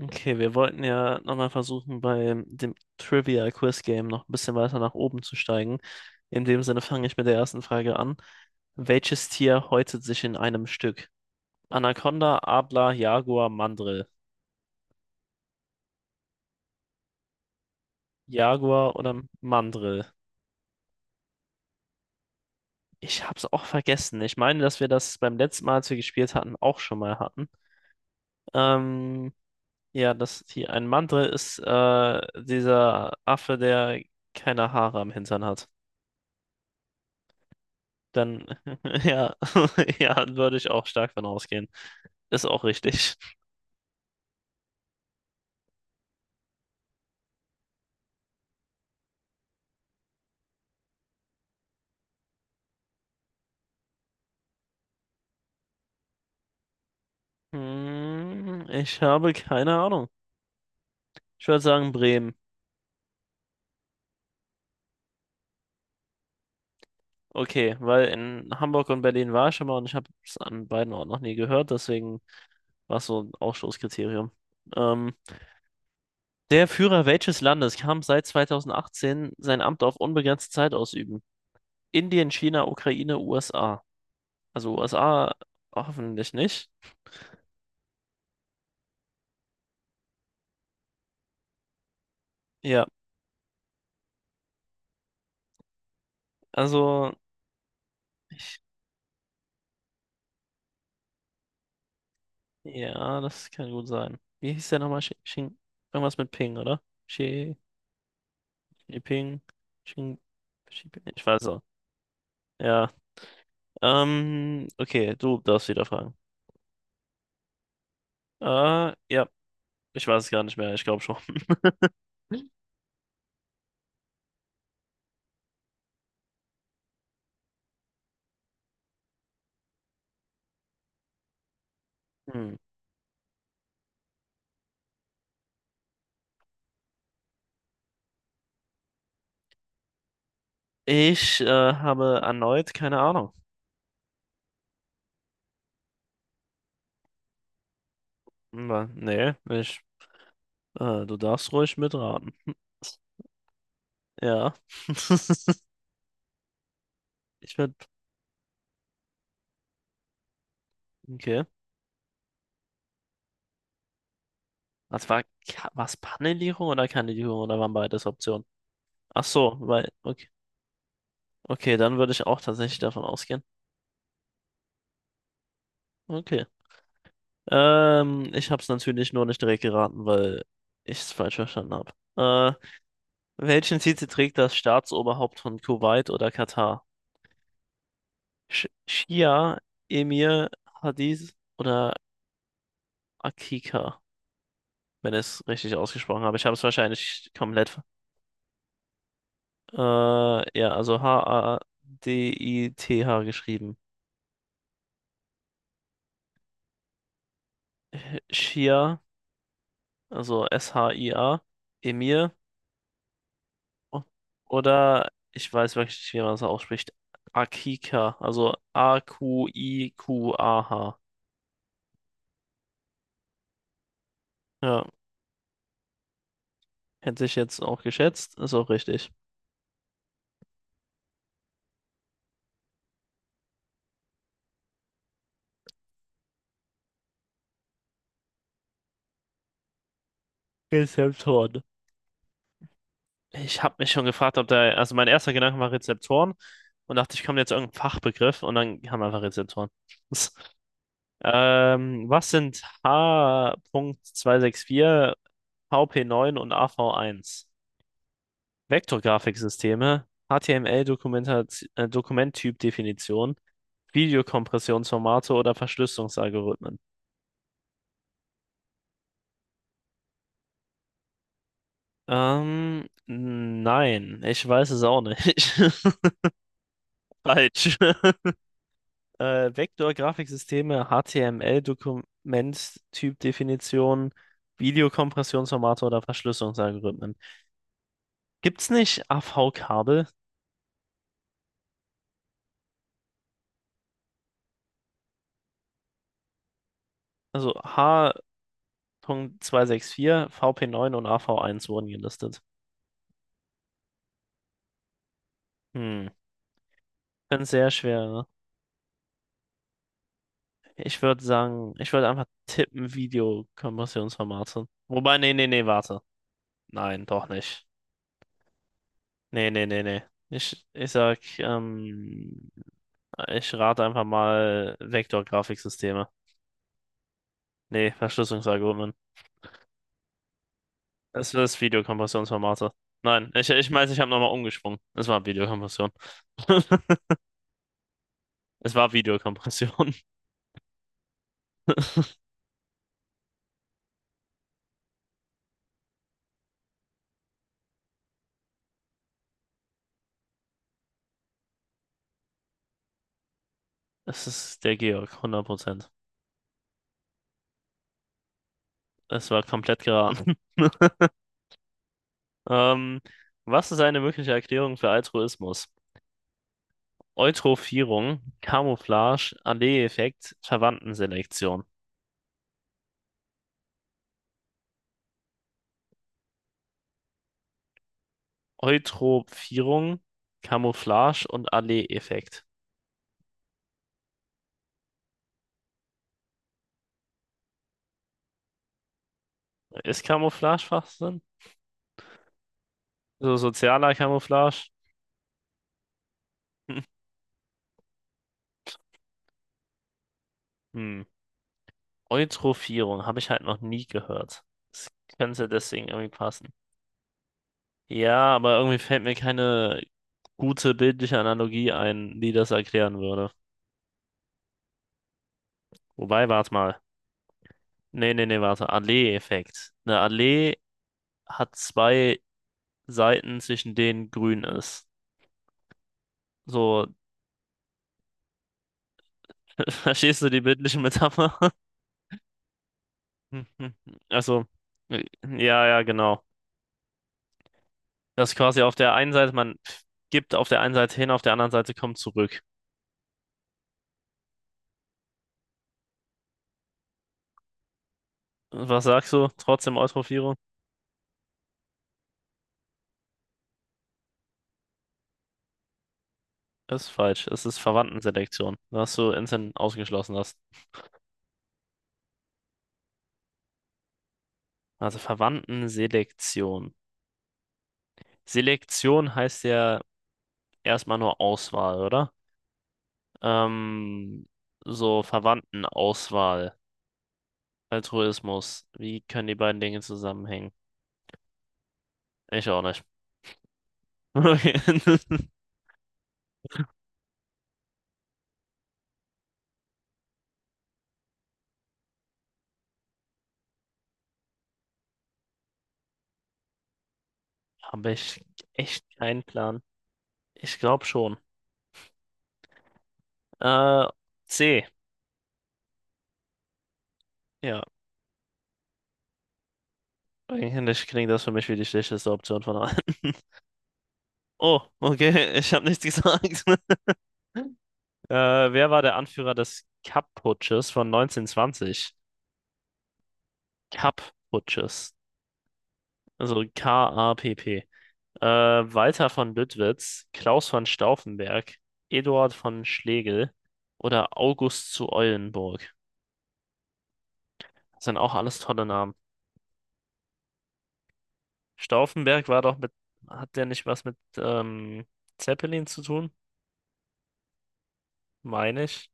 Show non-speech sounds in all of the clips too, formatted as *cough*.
Okay, wir wollten ja nochmal versuchen, bei dem Trivia-Quiz-Game noch ein bisschen weiter nach oben zu steigen. In dem Sinne fange ich mit der ersten Frage an. Welches Tier häutet sich in einem Stück? Anaconda, Adler, Jaguar, Mandrill. Jaguar oder Mandrill? Ich hab's auch vergessen. Ich meine, dass wir das beim letzten Mal, als wir gespielt hatten, auch schon mal hatten. Ähm, ja, das hier, ein Mandrill ist dieser Affe, der keine Haare am Hintern hat. Dann, *laughs* ja, *laughs* ja, würde ich auch stark von ausgehen. Ist auch richtig. Hm, ich habe keine Ahnung. Ich würde sagen Bremen. Okay, weil in Hamburg und Berlin war ich schon mal und ich habe es an beiden Orten noch nie gehört, deswegen war es so ein Ausschlusskriterium. Ähm, der Führer welches Landes kann seit 2018 sein Amt auf unbegrenzte Zeit ausüben? Indien, China, Ukraine, USA. Also USA hoffentlich nicht. Ja, also. Ja, das kann gut sein. Wie hieß der nochmal? Xing, irgendwas mit Ping, oder? Xi, Xi Ping, Xing, Xi Ping, ich weiß auch. Ja, okay, du darfst wieder fragen. Ja, ich weiß es gar nicht mehr, ich glaube schon. *laughs* Hm. Ich habe erneut keine Ahnung. Na, Nee, ich, du darfst ruhig mitraten. Ja. *laughs* Ich würde, okay. Was war, Ka- Panelierung oder Kandidierung oder waren beides Optionen? Ach so, weil, okay. Okay, dann würde ich auch tatsächlich davon ausgehen. Okay. Ich habe es natürlich nur nicht direkt geraten, weil ich es falsch verstanden habe. Welchen Titel trägt das Staatsoberhaupt von Kuwait oder Katar? Schia, Emir, Hadith oder Akika, wenn ich es richtig ausgesprochen habe. Ich habe es wahrscheinlich komplett. Ja, also H-A-D-I-T-H geschrieben. Schia, also S-H-I-A, Emir. Oder ich weiß wirklich nicht, wie man das ausspricht. Akika, also A-Q-I-Q-A-H. Ja, hätte ich jetzt auch geschätzt, ist auch richtig. Rezeptoren. Ich habe mich schon gefragt, ob da, also mein erster Gedanke war Rezeptoren und dachte, ich komme jetzt irgendein Fachbegriff und dann haben wir einfach Rezeptoren. *laughs* Was sind h. Punkt zweihundertvierundsechzig, V P neun und A V eins? Vektorgrafiksysteme, HTML-Dokumenttyp-Definition, Videokompressionsformate oder Verschlüsselungsalgorithmen? Nein, ich weiß es auch nicht. *laughs* Falsch. *laughs* Vektorgrafiksysteme, HTML-Dokument, Typdefinition, Videokompressionsformate oder Verschlüsselungsalgorithmen. Gibt's nicht AV-Kabel? Also H.264, VP9 und AV1 wurden gelistet. Ich finde es sehr schwer, ne? Ich würde sagen, ich würde einfach tippen, Videokompressionsformate. Wobei, nee, nee, nee, warte. Nein, doch nicht. Nee, nee, nee, nee. Ich sag, ich rate einfach mal Vektorgrafiksysteme. Nee, Verschlüsselungsalgorithmen. Es ist Videokompressionsformate. Nein, ich meine, ich habe nochmal umgesprungen. Es war Videokompression. *laughs* Es war Videokompression. *laughs* Es ist der Georg, 100%. Es war komplett geraten. *laughs* Ähm, was ist eine mögliche Erklärung für Altruismus? Eutrophierung, Camouflage, Allee-Effekt, Verwandtenselektion. Eutrophierung, Camouflage und Allee-Effekt. Ist Camouflage Schwachsinn? So sozialer Camouflage? *laughs* Hm. Eutrophierung habe ich halt noch nie gehört. Das könnte deswegen irgendwie passen. Ja, aber irgendwie fällt mir keine gute bildliche Analogie ein, die das erklären würde. Wobei, warte mal. Nee, nee, nee, warte. Allee-Effekt. Eine Allee hat zwei Seiten, zwischen denen grün ist. So, *laughs* verstehst du die bildliche Metapher? *laughs* Mhm. Also, ja, ja, genau. Das ist quasi auf der einen Seite, man gibt auf der einen Seite hin, auf der anderen Seite kommt zurück. Was sagst du? Trotzdem Eutrophierung? Ist falsch. Es ist Verwandtenselektion, was du instant ausgeschlossen hast. Also Verwandtenselektion. Selektion heißt ja erstmal nur Auswahl, oder? Ähm, so Verwandtenauswahl, Altruismus. Wie können die beiden Dinge zusammenhängen? Ich auch nicht. *laughs* Okay. *laughs* Habe ich echt keinen Plan. Ich glaube schon. Äh, C. Ja, eigentlich klingt das für mich wie die schlechteste Option von allen. *laughs* Oh, okay, ich habe nichts gesagt. *laughs* Äh, wer war der Anführer des Kapp-Putsches von 1920? Kapp-Putsches. Also K-A-P-P. Walter von Lüttwitz, Klaus von Stauffenberg, Eduard von Schlegel oder August zu Eulenburg. Das sind auch alles tolle Namen. Stauffenberg war doch mit, hat der nicht was mit Zeppelin zu tun? Meine ich.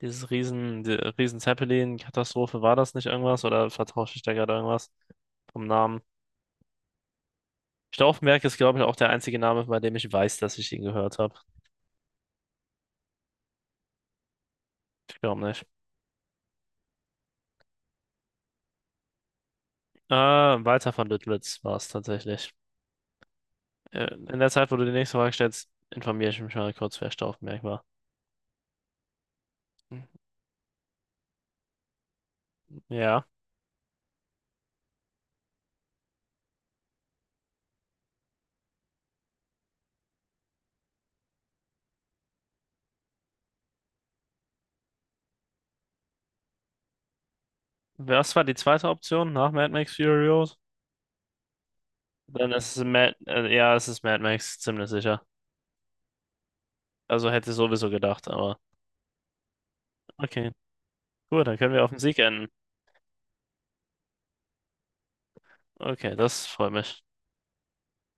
Die Riesen Zeppelin-Katastrophe, war das nicht irgendwas oder vertausche ich da gerade irgendwas vom Namen? Stauffenberg ist, glaube ich, auch der einzige Name, bei dem ich weiß, dass ich ihn gehört habe. Ich glaube nicht. Walter von Lüttwitz war es tatsächlich. In der Zeit, wo du die nächste Frage stellst, informiere ich mich mal kurz, wer Staufenberg war. Ja. Was war die zweite Option nach Mad Max Fury Road? Dann ist es Mad, ja, es ist Mad Max, ziemlich sicher. Also hätte ich sowieso gedacht, aber okay. Gut, dann können wir auf den Sieg enden. Okay, das freut mich.